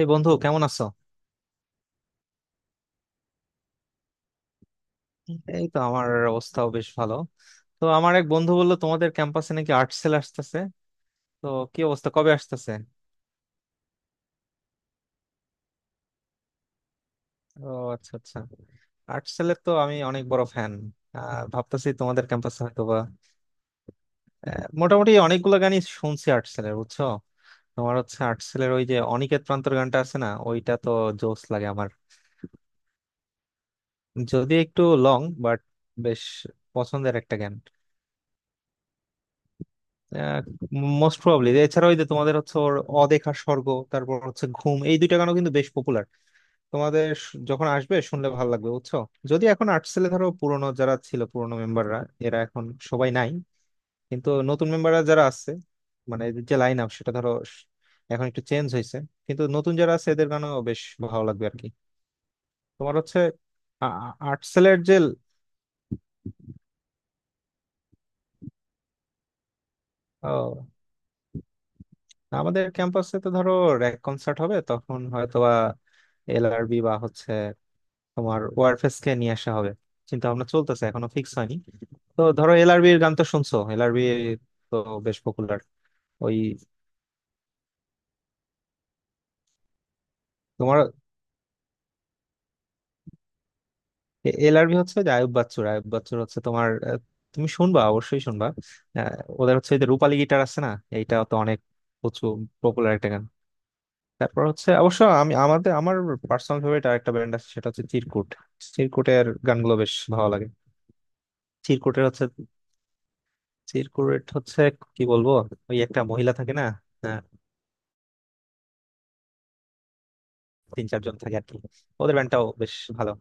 এই বন্ধু কেমন আছো? এই তো আমার অবস্থাও বেশ ভালো। তো আমার এক বন্ধু বললো তোমাদের ক্যাম্পাসে নাকি আর্ট সেল আসতেছে। তো কি অবস্থা, কবে আসতেছে? ও, আচ্ছা আচ্ছা। আর্ট সেলের তো আমি অনেক বড় ফ্যান। ভাবতেছি তোমাদের ক্যাম্পাসে হয়তো বা মোটামুটি অনেকগুলো গানই শুনছি আর্ট সেলের, বুঝছো। তোমার হচ্ছে আর্ট সেলের ওই যে অনিকেত প্রান্তর গানটা আছে না, ওইটা তো জোস লাগে আমার, যদি একটু লং বাট বেশ পছন্দের একটা গান, মোস্ট প্রবাবলি। এছাড়া ওই যে তোমাদের হচ্ছে ওর অদেখা স্বর্গ, তারপর হচ্ছে ঘুম, এই দুইটা গানও কিন্তু বেশ পপুলার। তোমাদের যখন আসবে শুনলে ভালো লাগবে, বুঝছো। যদি এখন আর্টসেলে ধরো পুরনো যারা ছিল পুরনো মেম্বাররা, এরা এখন সবাই নাই, কিন্তু নতুন মেম্বাররা যারা আছে, মানে এদের যে লাইন আপ সেটা ধরো এখন একটু চেঞ্জ হয়েছে, কিন্তু নতুন যারা আছে এদের গানও বেশ ভালো লাগবে আর কি। তোমার হচ্ছে আর্টসেলের যে ও, আমাদের ক্যাম্পাসে তো ধরো র্যাক কনসার্ট হবে, তখন হয়তোবা এলআরবি বা হচ্ছে তোমার ওয়ারফেস কে নিয়ে আসা হবে, চিন্তা ভাবনা চলতেছে এখনো ফিক্স হয়নি। তো ধরো এলআরবি এর গান তো শুনছো, এলআরবি তো বেশ পপুলার। ওই তোমার এলআরবি হচ্ছে যে আয়ুব বাচ্চুর, আয়ুব বাচ্চুর হচ্ছে তোমার তুমি শুনবা, অবশ্যই শুনবা। আহ, ওদের হচ্ছে এই যে রূপালী গিটার আছে না, এইটা তো অনেক প্রচুর পপুলার একটা গান। তারপর হচ্ছে অবশ্য আমি আমাদের আমার পার্সোনাল ফেভারিট আরেকটা ব্যান্ড আছে, সেটা হচ্ছে চিরকুট। চিরকুটের গানগুলো বেশ ভালো লাগে। চিরকুটের হচ্ছে, চিরকুট হচ্ছে কি বলবো, ওই একটা মহিলা থাকে না, তিন চারজন থাকে আর কি। ওদের ব্যান্ডটাও বেশ ভালো,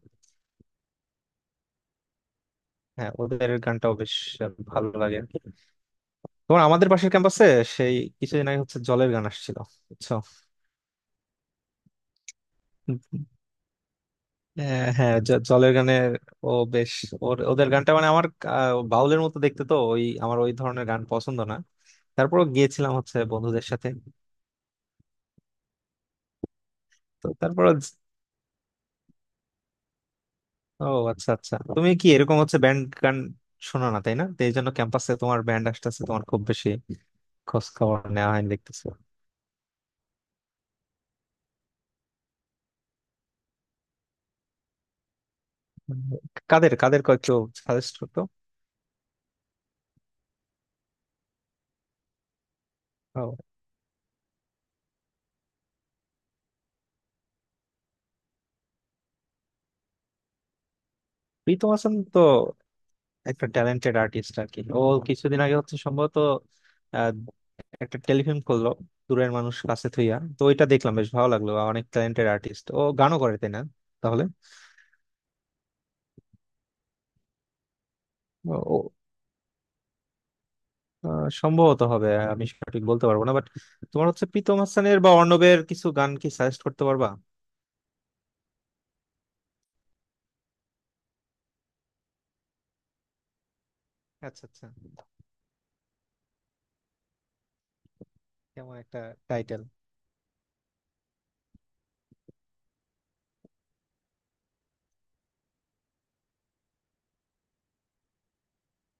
হ্যাঁ ওদের গানটাও বেশ ভালো লাগে আর কি। তোমার আমাদের পাশের ক্যাম্পাসে সেই কিছুদিন আগে হচ্ছে জলের গান আসছিল, বুঝছো। হ্যাঁ হ্যাঁ, জলের গানের ও বেশ, ওর ওদের গানটা মানে আমার বাউলের মতো দেখতে তো, ওই আমার ওই ধরনের গান পছন্দ না, তারপরও গিয়েছিলাম হচ্ছে বন্ধুদের সাথে। তো তারপর ও, আচ্ছা আচ্ছা, তুমি কি এরকম হচ্ছে ব্যান্ড গান শোনো না তাই না, তো এই জন্য ক্যাম্পাসে তোমার ব্যান্ড আসতেছে তোমার খুব বেশি খোঁজ খবর নেওয়া হয়নি দেখতেছি। উম, কাদের কাদের কয়েকটু সাজেস্ট করতো। ও, প্রীতম হাসান তো একটা ট্যালেন্টেড আর্টিস্ট আর কি। ও কিছুদিন আগে হচ্ছে সম্ভবত আহ, একটা টেলিফিল্ম করলো, দূরের মানুষ কাছে থুইয়া, তো ওইটা দেখলাম বেশ ভালো লাগলো। অনেক ট্যালেন্টেড আর্টিস্ট, ও গানও করে তাই না, তাহলে। ও ও, সম্ভবত হবে, আমি সঠিক বলতে পারবো না বাট তোমার হচ্ছে প্রীতম হাসানের বা অর্ণবের কিছু গান কি সাজেস্ট করতে পারবা। আচ্ছা আচ্ছা, কেমন একটা টাইটেল।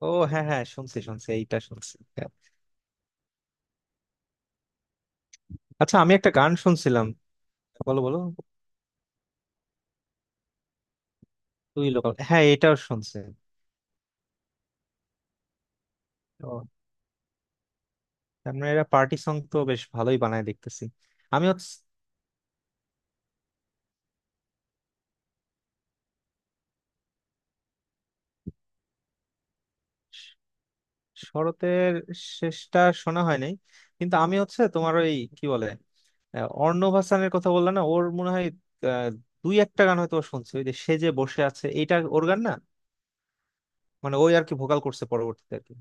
ও হ্যাঁ হ্যাঁ, শুনছি শুনছি, এইটা শুনছি। আচ্ছা আমি একটা গান শুনছিলাম, বলো বলো। দুই লোকাল, হ্যাঁ এটাও শুনছে তো। তার মানে এরা পার্টি সং তো বেশ ভালোই বানায় দেখতেছি। আমি হচ্ছে শ- শরতের শেষটা শোনা হয় নাই, কিন্তু আমি হচ্ছে তোমার ওই কি বলে অর্ণব হাসানের কথা বললা না, ওর মনে হয় আহ, দুই একটা গান হয়তো ও শুনছে, ওই যে সে যে বসে আছে, এইটা ওর গান না, মানে ওই আর কি ভোকাল করছে পরবর্তীতে আর কি।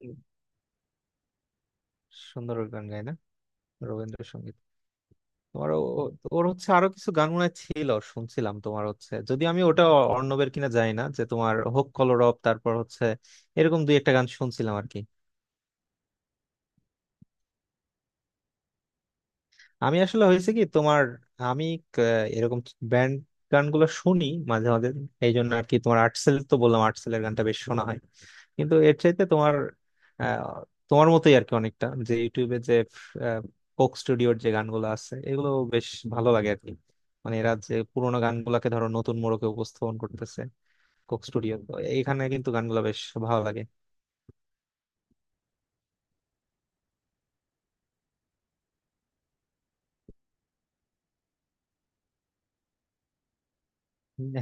হুম। সুন্দর ওর গান গায় না রবীন্দ্রসঙ্গীত। তোমার ওর হচ্ছে আরো কিছু গান মনে হয় ছিল শুনছিলাম, তোমার হচ্ছে যদি আমি ওটা অর্ণবের কিনা জানি না, যে তোমার হোক কলরব, তারপর হচ্ছে এরকম দুই একটা গান শুনছিলাম আর কি। আমি আসলে হয়েছে কি তোমার, আমি ক- এরকম ব্যান্ড গানগুলো শুনি মাঝে মাঝে, এই জন্য আর কি তোমার আর্টসেল তো বললাম আর্টসেলের গানটা বেশ শোনা হয়, কিন্তু এর চাইতে তোমার আহ, তোমার মতোই আর কি অনেকটা, যে ইউটিউবে যে কোক স্টুডিওর যে গানগুলো আছে এগুলো বেশ ভালো লাগে আর কি। মানে এরা যে পুরোনো গানগুলোকে ধরো নতুন মোড়কে উপস্থাপন করতেছে কোক স্টুডিও তো, এইখানে কিন্তু গানগুলো বেশ ভালো লাগে।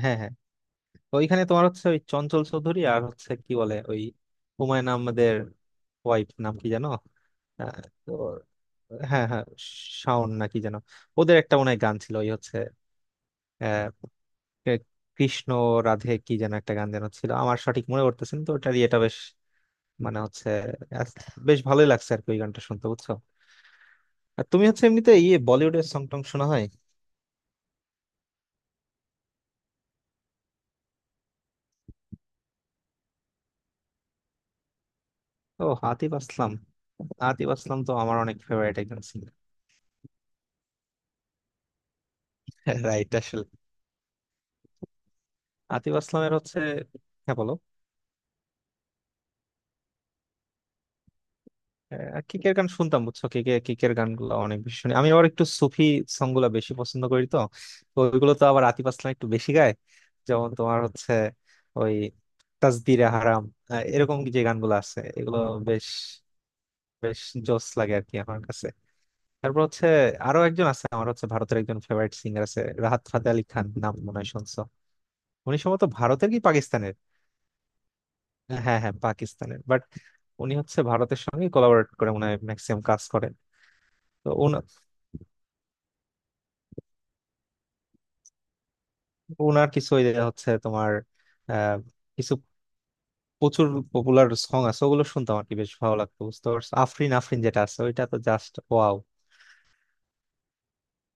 হ্যাঁ হ্যাঁ, তো ওইখানে তোমার হচ্ছে ওই চঞ্চল চৌধুরী আর হচ্ছে কি বলে ওই হুমায়ুন আহমেদের ওয়াইফ নাম কি জানো, আহ, তো হ্যাঁ হ্যাঁ, শাওন না কি যেন। ওদের একটা মনে হয় গান ছিল ওই হচ্ছে আহ, এ- কৃষ্ণ রাধে কি যেন একটা গান যেন ছিল আমার সঠিক মনে করতেছেন তো, ওটার ইয়েটা বেশ মানে হচ্ছে আস- বেশ ভালোই লাগছে আর কি ওই গানটা শুনতে, বুঝছো। আর তুমি হচ্ছে এমনিতে ইয়ে বলিউডের সং টং শোনা হয়। ও আতিফ আসলাম, আতিফ আসলাম তো আমার অনেক ফেভারিট একজন সিঙ্গার। রাইট আতিফ আসলামের হচ্ছে, হ্যাঁ বলো। কিকের গান শুনতাম, বুঝছো, কিকে কিকের গানগুলো অনেক বেশি শুনি, আমি আবার একটু সুফি সং গুলা বেশি পছন্দ করি তো। তো ওইগুলো তো আবার আতিফ আসলাম একটু বেশি গায়, যেমন তোমার হচ্ছে ওই তাসবিরে হারাম এরকম যে গানগুলো আছে এগুলো বেশ বেশ জোস লাগে আর কি আমার কাছে। তারপর হচ্ছে আরো একজন আছে, আমার হচ্ছে ভারতের একজন ফেভারিট সিঙ্গার আছে, রাহাত ফাতে আলি খান নাম মনে হয় শুনছো। উনি সম্ভবত ভারতের কি পাকিস্তানের, হ্যাঁ হ্যাঁ পাকিস্তানের, বাট উনি হচ্ছে ভারতের সঙ্গে কোলাবরেট করে মনে হয় ম্যাক্সিমাম কাজ করেন। তো উনার কিছু ওই যে হচ্ছে তোমার আহ, কিছু প্রচুর পপুলার সং আছে ওগুলো শুনতাম আর কি, বেশ ভালো লাগতো, বুঝতে পারছো। আফরিন আফরিন যেটা আছে ওইটা তো জাস্ট ওয়াও।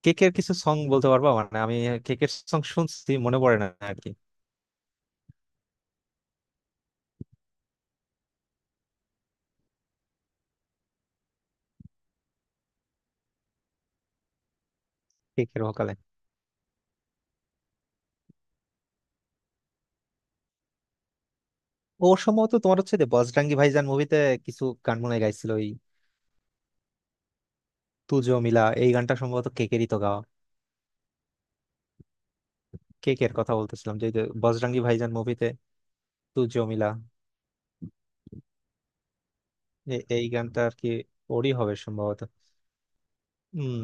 কেকের কিছু সং বলতে পারবা, মানে আমি কেকের সং শুনছি, মনে পড়ে না আর কি। কেকের ভোকালে ও সম্ভবত তোমার হচ্ছে যে বজরঙ্গি ভাইজান মুভিতে কিছু গান মনে হয় গাইছিল, ওই তুজো মিলা এই গানটা সম্ভবত কেকেরই তো গাওয়া। কেকের কথা বলতেছিলাম যে যে বজরঙ্গি ভাইজান মুভিতে তু জমিলা, এই গানটা আর কি, ওরই হবে সম্ভবত। হম।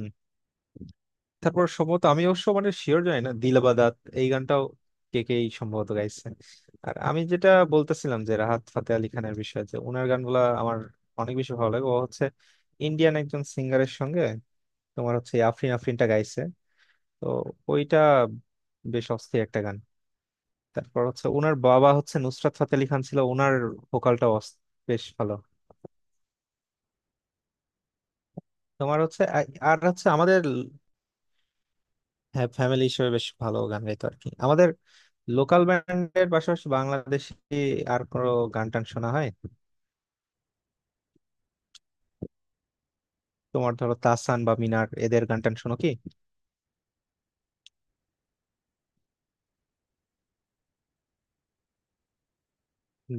তারপর সম্ভবত আমি অবশ্য মানে শিওর জানি না, দিলবাদাত এই গানটাও কে কেই সম্ভবত গাইছে। আর আমি যেটা বলতেছিলাম যে রাহাত ফাতে আলি খানের বিষয়ে, যে ওনার গানগুলা আমার অনেক বেশি ভালো লাগে, ও হচ্ছে ইন্ডিয়ান একজন সিঙ্গারের সঙ্গে তোমার হচ্ছে এই আফরিন আফরিনটা গাইছে, তো ওইটা বেশ অস্থির একটা গান। তারপর হচ্ছে ওনার বাবা হচ্ছে নুসরাত ফাতে আলি খান ছিল, ওনার ভোকালটা বেশ ভালো। তোমার হচ্ছে আর হচ্ছে আমাদের, হ্যাঁ ফ্যামিলি হিসেবে বেশ ভালো গান গাইতো আর কি। আমাদের লোকাল ব্যান্ডের পাশাপাশি বাংলাদেশি আর কোনো গান টান শোনা হয়, তোমার ধরো তাসান বা মিনার এদের গান টান শোনো কি।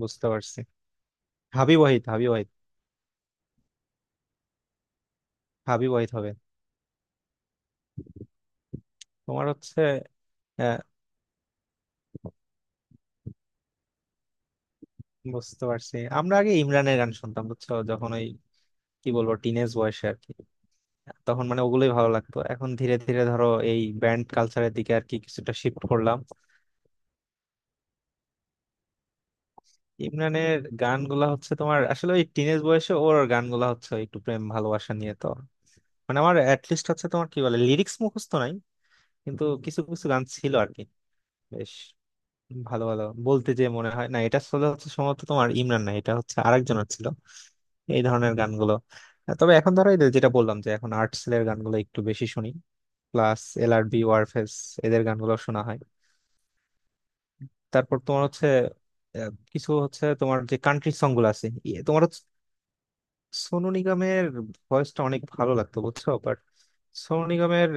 বুঝতে পারছি, হাবিব ওয়াহিদ, হাবিব ওয়াহিদ হবে। তোমার হচ্ছে আহ, বুঝতে পারছি, আমরা আগে ইমরানের গান শুনতাম বুঝছো, যখন ওই কি বলবো টিনেজ বয়সে আর কি, তখন মানে ওগুলোই ভালো লাগতো, এখন ধীরে ধীরে ধরো এই ব্যান্ড কালচারের দিকে আর কি কিছুটা শিফট করলাম। ইমরানের গানগুলা হচ্ছে তোমার আসলে ওই টিনেজ বয়সে, ওর গানগুলা হচ্ছে ওই একটু প্রেম ভালোবাসা নিয়ে তো, মানে আমার অ্যাটলিস্ট হচ্ছে তোমার কি বলে লিরিক্স মুখস্থ নাই, কিন্তু কিছু কিছু গান ছিল আর কি বেশ ভালো, ভালো বলতে যে মনে হয় না, এটা আসলে হচ্ছে সম্ভবত তোমার ইমরান না, এটা হচ্ছে আরেকজনের ছিল এই ধরনের গানগুলো। তবে এখন ধরো এই যে যেটা বললাম যে এখন আর্টসেলের গানগুলো একটু বেশি শুনি, প্লাস এলআরবি ওয়ারফেজ এদের গানগুলো শোনা হয়। তারপর তোমার হচ্ছে কিছু হচ্ছে তোমার যে কান্ট্রি সং গুলো আছে, তোমার সোনু নিগমের ভয়েসটা অনেক ভালো লাগতো বুঝছো, বাট সোনু নিগমের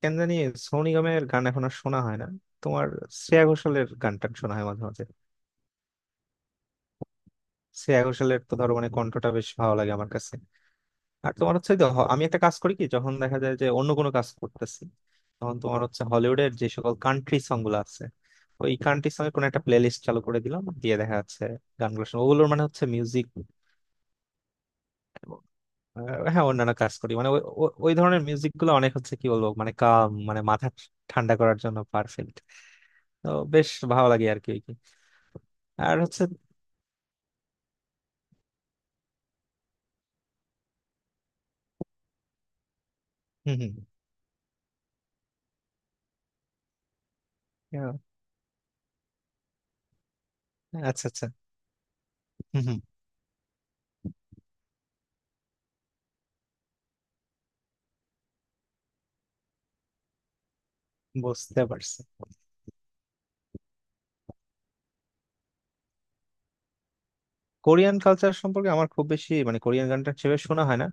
কেন জানি, সোনু নিগমের গান এখন আর শোনা হয় না। তোমার শ্রেয়া ঘোষালের গানটা শোনা হয় মাঝে মাঝে, শ্রেয়া ঘোষালের তো ধরো মানে কণ্ঠটা বেশ ভালো লাগে আমার কাছে। আর তোমার হচ্ছে যে আমি একটা কাজ করি কি, যখন দেখা যায় যে অন্য কোনো কাজ করতেছি, তখন তোমার হচ্ছে হলিউডের যে সকল কান্ট্রি সং গুলো আছে ওই কান্ট্রি সঙ্গে কোনো একটা প্লেলিস্ট চালু করে দিলাম, দিয়ে দেখা যাচ্ছে গানগুলো ওগুলোর মানে হচ্ছে মিউজিক আহ, হ্যাঁ অন্যান্য কাজ করি মানে ওই ওই ওই ধরনের মিউজিক গুলো অনেক হচ্ছে কি বলবো মানে কাম মানে মাথা ঠান্ডা করার জন্য পারফেক্ট। তো বেশ ভালো লাগে আর কি ওই কি। আর হচ্ছে হম হম, আচ্ছা আচ্ছা, হম হম, বুঝতে পারছি। কোরিয়ান কালচার সম্পর্কে আমার খুব বেশি মানে কোরিয়ান গানটা সেভাবে শোনা হয় না,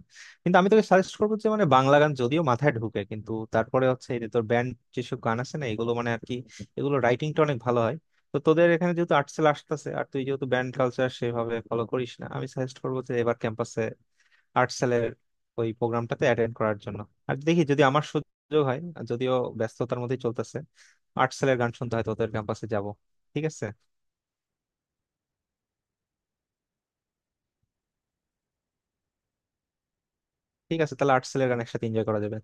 কিন্তু আমি তোকে সাজেস্ট করবো যে মানে বাংলা গান যদিও মাথায় ঢুকে, কিন্তু তারপরে হচ্ছে এই যে তোর ব্যান্ড যেসব গান আছে না এগুলো মানে আর কি, এগুলো রাইটিংটা অনেক ভালো হয়। তো তোদের এখানে যেহেতু আর্টসেল আসতেছে আর তুই যেহেতু ব্যান্ড কালচার সেভাবে ফলো করিস না, আমি সাজেস্ট করবো যে এবার ক্যাম্পাসে আর্টসেলের ওই প্রোগ্রামটাতে অ্যাটেন্ড করার জন্য। আর দেখি যদি আমার সুযোগ হয়, আর যদিও ব্যস্ততার মধ্যেই চলতেছে, আর্টসেলের গান শুনতে হয় তোদের ক্যাম্পাসে যাব, ঠিক আছে। ঠিক আছে, তাহলে আর্টসেলের গান একসাথে এনজয় করা যাবে।